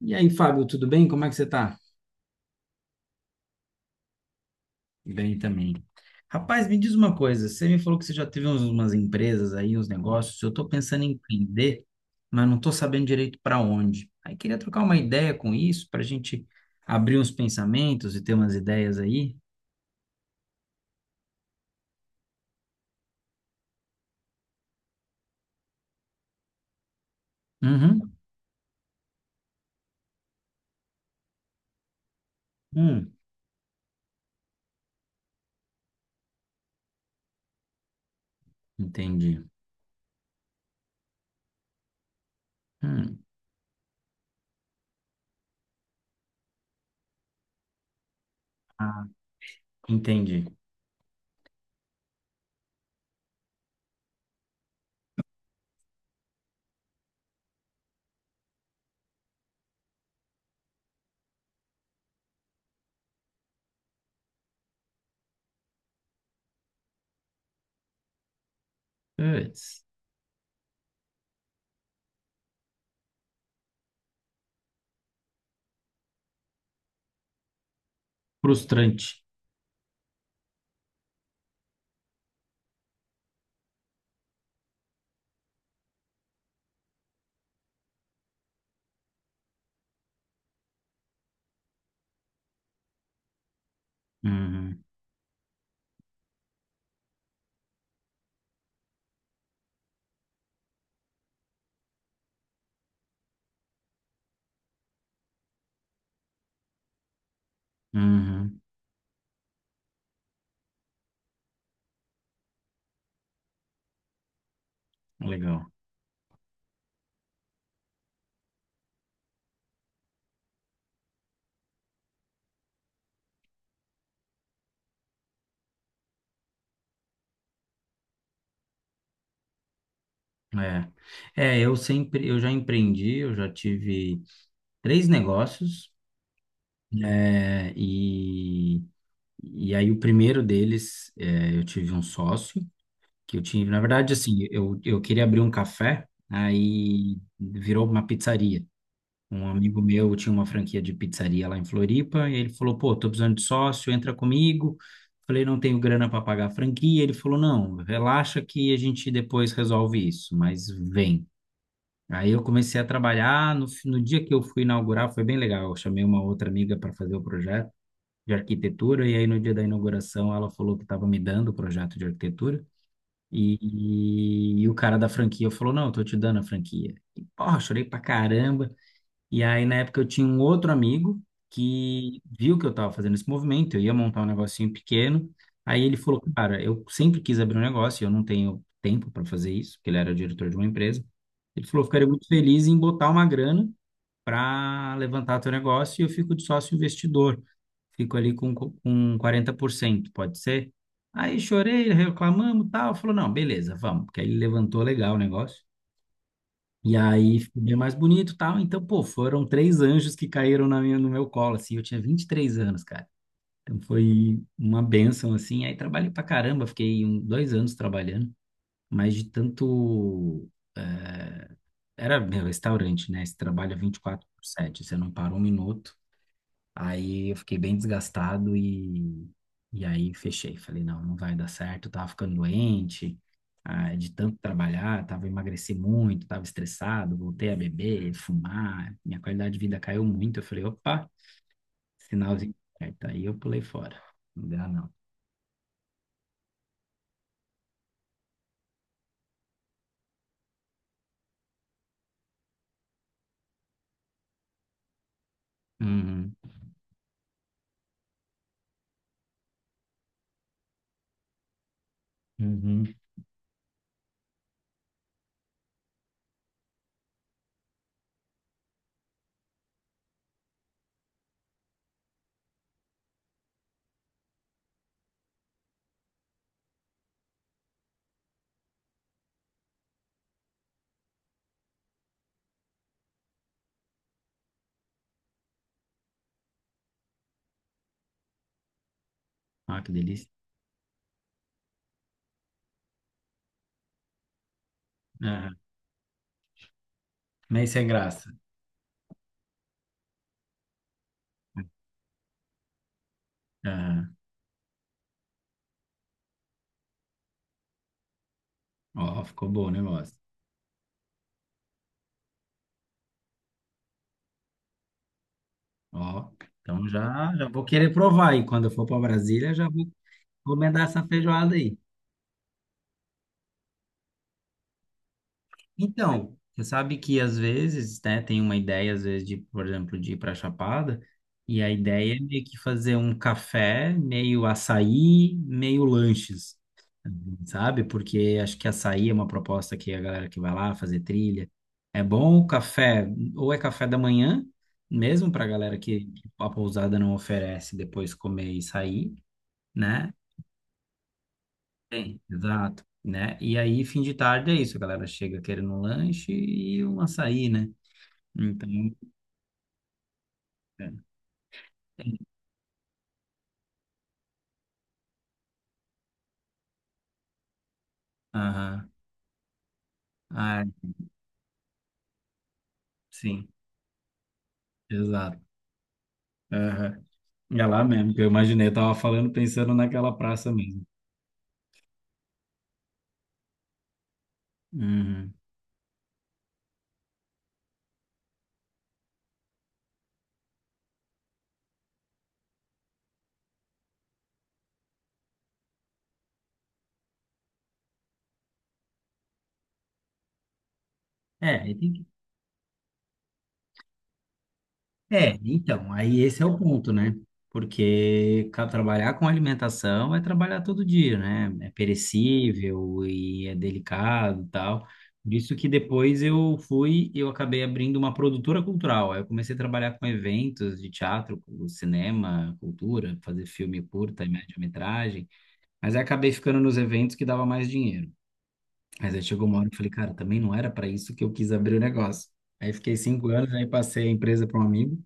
E aí, Fábio, tudo bem? Como é que você tá? Bem também. Rapaz, me diz uma coisa, você me falou que você já teve umas empresas aí, uns negócios, eu estou pensando em empreender, mas não estou sabendo direito para onde. Aí queria trocar uma ideia com isso, para a gente abrir uns pensamentos e ter umas ideias aí. Uhum. Hum, entendi. Hum, ah, entendi. Puts. Frustrante. Uhum. Uhum, legal. É, eu sempre, eu já empreendi, eu já tive três negócios, é, e aí o primeiro deles, é, eu tive um sócio, que eu tive, na verdade, assim, eu queria abrir um café, aí virou uma pizzaria. Um amigo meu tinha uma franquia de pizzaria lá em Floripa, e ele falou, pô, tô precisando de sócio, entra comigo. Falei, não tenho grana para pagar a franquia. Ele falou, não, relaxa que a gente depois resolve isso, mas vem. Aí eu comecei a trabalhar. No dia que eu fui inaugurar, foi bem legal. Eu chamei uma outra amiga para fazer o projeto de arquitetura, e aí no dia da inauguração ela falou que estava me dando o projeto de arquitetura. E o cara da franquia falou: não, eu tô te dando a franquia. E, porra, chorei pra caramba. E aí, na época, eu tinha um outro amigo que viu que eu estava fazendo esse movimento, eu ia montar um negocinho pequeno. Aí ele falou, cara, eu sempre quis abrir um negócio, e eu não tenho tempo para fazer isso, porque ele era diretor de uma empresa. Ele falou, ficaria muito feliz em botar uma grana para levantar teu negócio e eu fico de sócio investidor. Fico ali com, 40%, pode ser? Aí chorei, reclamamos, tal, falou, não, beleza, vamos, porque aí ele levantou legal o negócio. E aí ficou bem mais bonito e tal. Então, pô, foram três anjos que caíram na minha, no meu colo, assim. Eu tinha 23 anos, cara. Então foi uma bênção, assim. Aí trabalhei pra caramba, fiquei um, dois anos trabalhando, mas de tanto. eh, Era meu restaurante, né? Você trabalha 24 por 7, você não para um minuto. Aí eu fiquei bem desgastado e aí fechei. Falei, não, não vai dar certo. Eu tava ficando doente, ah, de tanto trabalhar, tava emagreci muito, tava estressado, voltei a beber, fumar. Minha qualidade de vida caiu muito. Eu falei, opa, sinalzinho certo. Aí eu pulei fora. Não dá, não. Uhum. Uhum. Ah, que delícia. Ah, nem sem graça. Ah, ó, ficou bom o negócio. Ó, então já, já vou querer provar aí. Quando eu for para Brasília, já vou encomendar essa feijoada aí. Então, você sabe que às vezes, né, tem uma ideia, às vezes, de, por exemplo, de ir para Chapada, e a ideia é meio que fazer um café, meio açaí, meio lanches, assim, sabe? Porque acho que açaí é uma proposta que a galera que vai lá fazer trilha. É bom o café, ou é café da manhã, mesmo para a galera que a pousada não oferece depois comer e sair, né? Bem, exato, né? E aí, fim de tarde é isso, a galera chega querendo um lanche e um açaí, né? Então, é. Aham. Ah, sim, exato. Aham. É lá mesmo, que eu imaginei, eu tava falando pensando naquela praça mesmo. Uhum. É, e tem É, então, aí esse é o ponto, né? Porque trabalhar com alimentação é trabalhar todo dia, né? É perecível e é delicado e tal. Por isso que depois eu fui, eu acabei abrindo uma produtora cultural. Aí eu comecei a trabalhar com eventos de teatro, com cinema, cultura, fazer filme curta e média-metragem. Mas aí acabei ficando nos eventos que dava mais dinheiro. Mas aí chegou uma hora que eu falei, cara, também não era para isso que eu quis abrir o negócio. Aí fiquei 5 anos, aí passei a empresa para um amigo,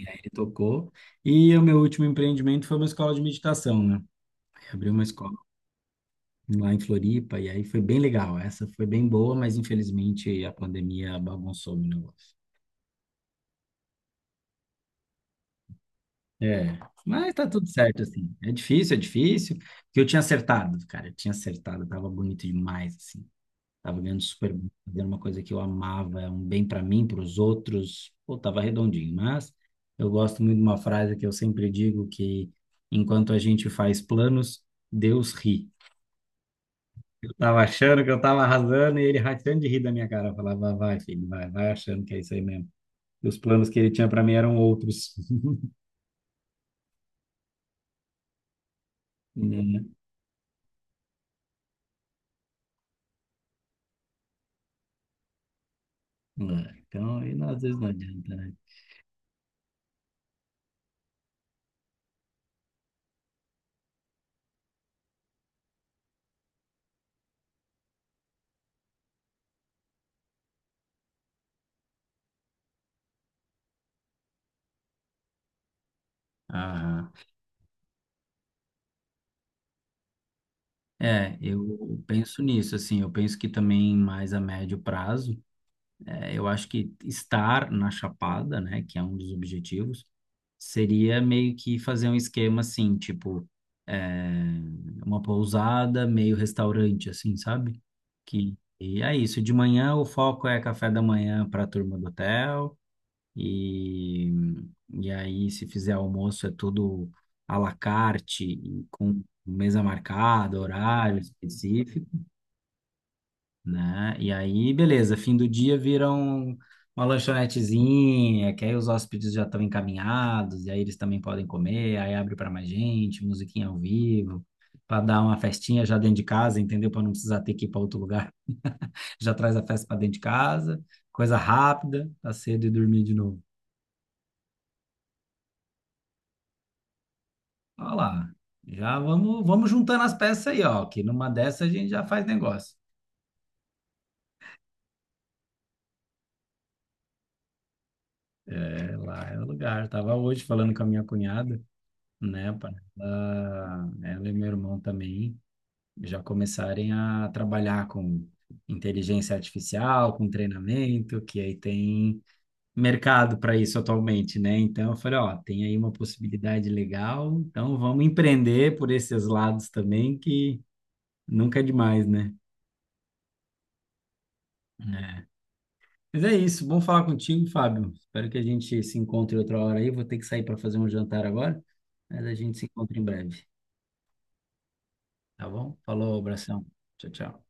ele tocou. E o meu último empreendimento foi uma escola de meditação, né? Eu abri uma escola lá em Floripa e aí foi bem legal. Essa foi bem boa, mas infelizmente a pandemia bagunçou o negócio. É, mas tá tudo certo assim. É difícil, porque eu tinha acertado, cara, eu tinha acertado, tava bonito demais assim. Tava ganhando super bem, fazendo uma coisa que eu amava, é um bem para mim, para os outros. Pô, tava redondinho. Mas eu gosto muito de uma frase que eu sempre digo, que enquanto a gente faz planos, Deus ri. Eu tava achando que eu tava arrasando e ele rachando de rir da minha cara. Eu falava, vai, filho, vai, vai achando que é isso aí mesmo. E os planos que ele tinha para mim eram outros. Né? É. Então, e às vezes não adianta, né? Aham. É, eu penso nisso, assim, eu penso que também mais a médio prazo. É, eu acho que estar na Chapada, né, que é um dos objetivos, seria meio que fazer um esquema assim, tipo, é, uma pousada, meio restaurante, assim, sabe? Que, e é isso. De manhã o foco é café da manhã para a turma do hotel, e, e aí se fizer almoço é tudo à la carte, e com mesa marcada, horário específico, né? E aí, beleza, fim do dia viram uma lanchonetezinha, que aí os hóspedes já estão encaminhados, e aí eles também podem comer, aí abre para mais gente, musiquinha ao vivo, para dar uma festinha já dentro de casa, entendeu? Para não precisar ter que ir para outro lugar. Já traz a festa para dentro de casa, coisa rápida, tá cedo e dormir de novo. Olha lá, já vamos, vamos juntando as peças aí, ó, que numa dessa a gente já faz negócio. É, lá é o lugar. Tava hoje falando com a minha cunhada, né, para ela e meu irmão também já começarem a trabalhar com inteligência artificial, com treinamento, que aí tem mercado para isso atualmente, né? Então eu falei, ó, tem aí uma possibilidade legal, então vamos empreender por esses lados também, que nunca é demais, né? É. Mas é isso, bom falar contigo, Fábio. Espero que a gente se encontre outra hora aí. Vou ter que sair para fazer um jantar agora, mas a gente se encontra em breve, tá bom? Falou, abração. Tchau, tchau.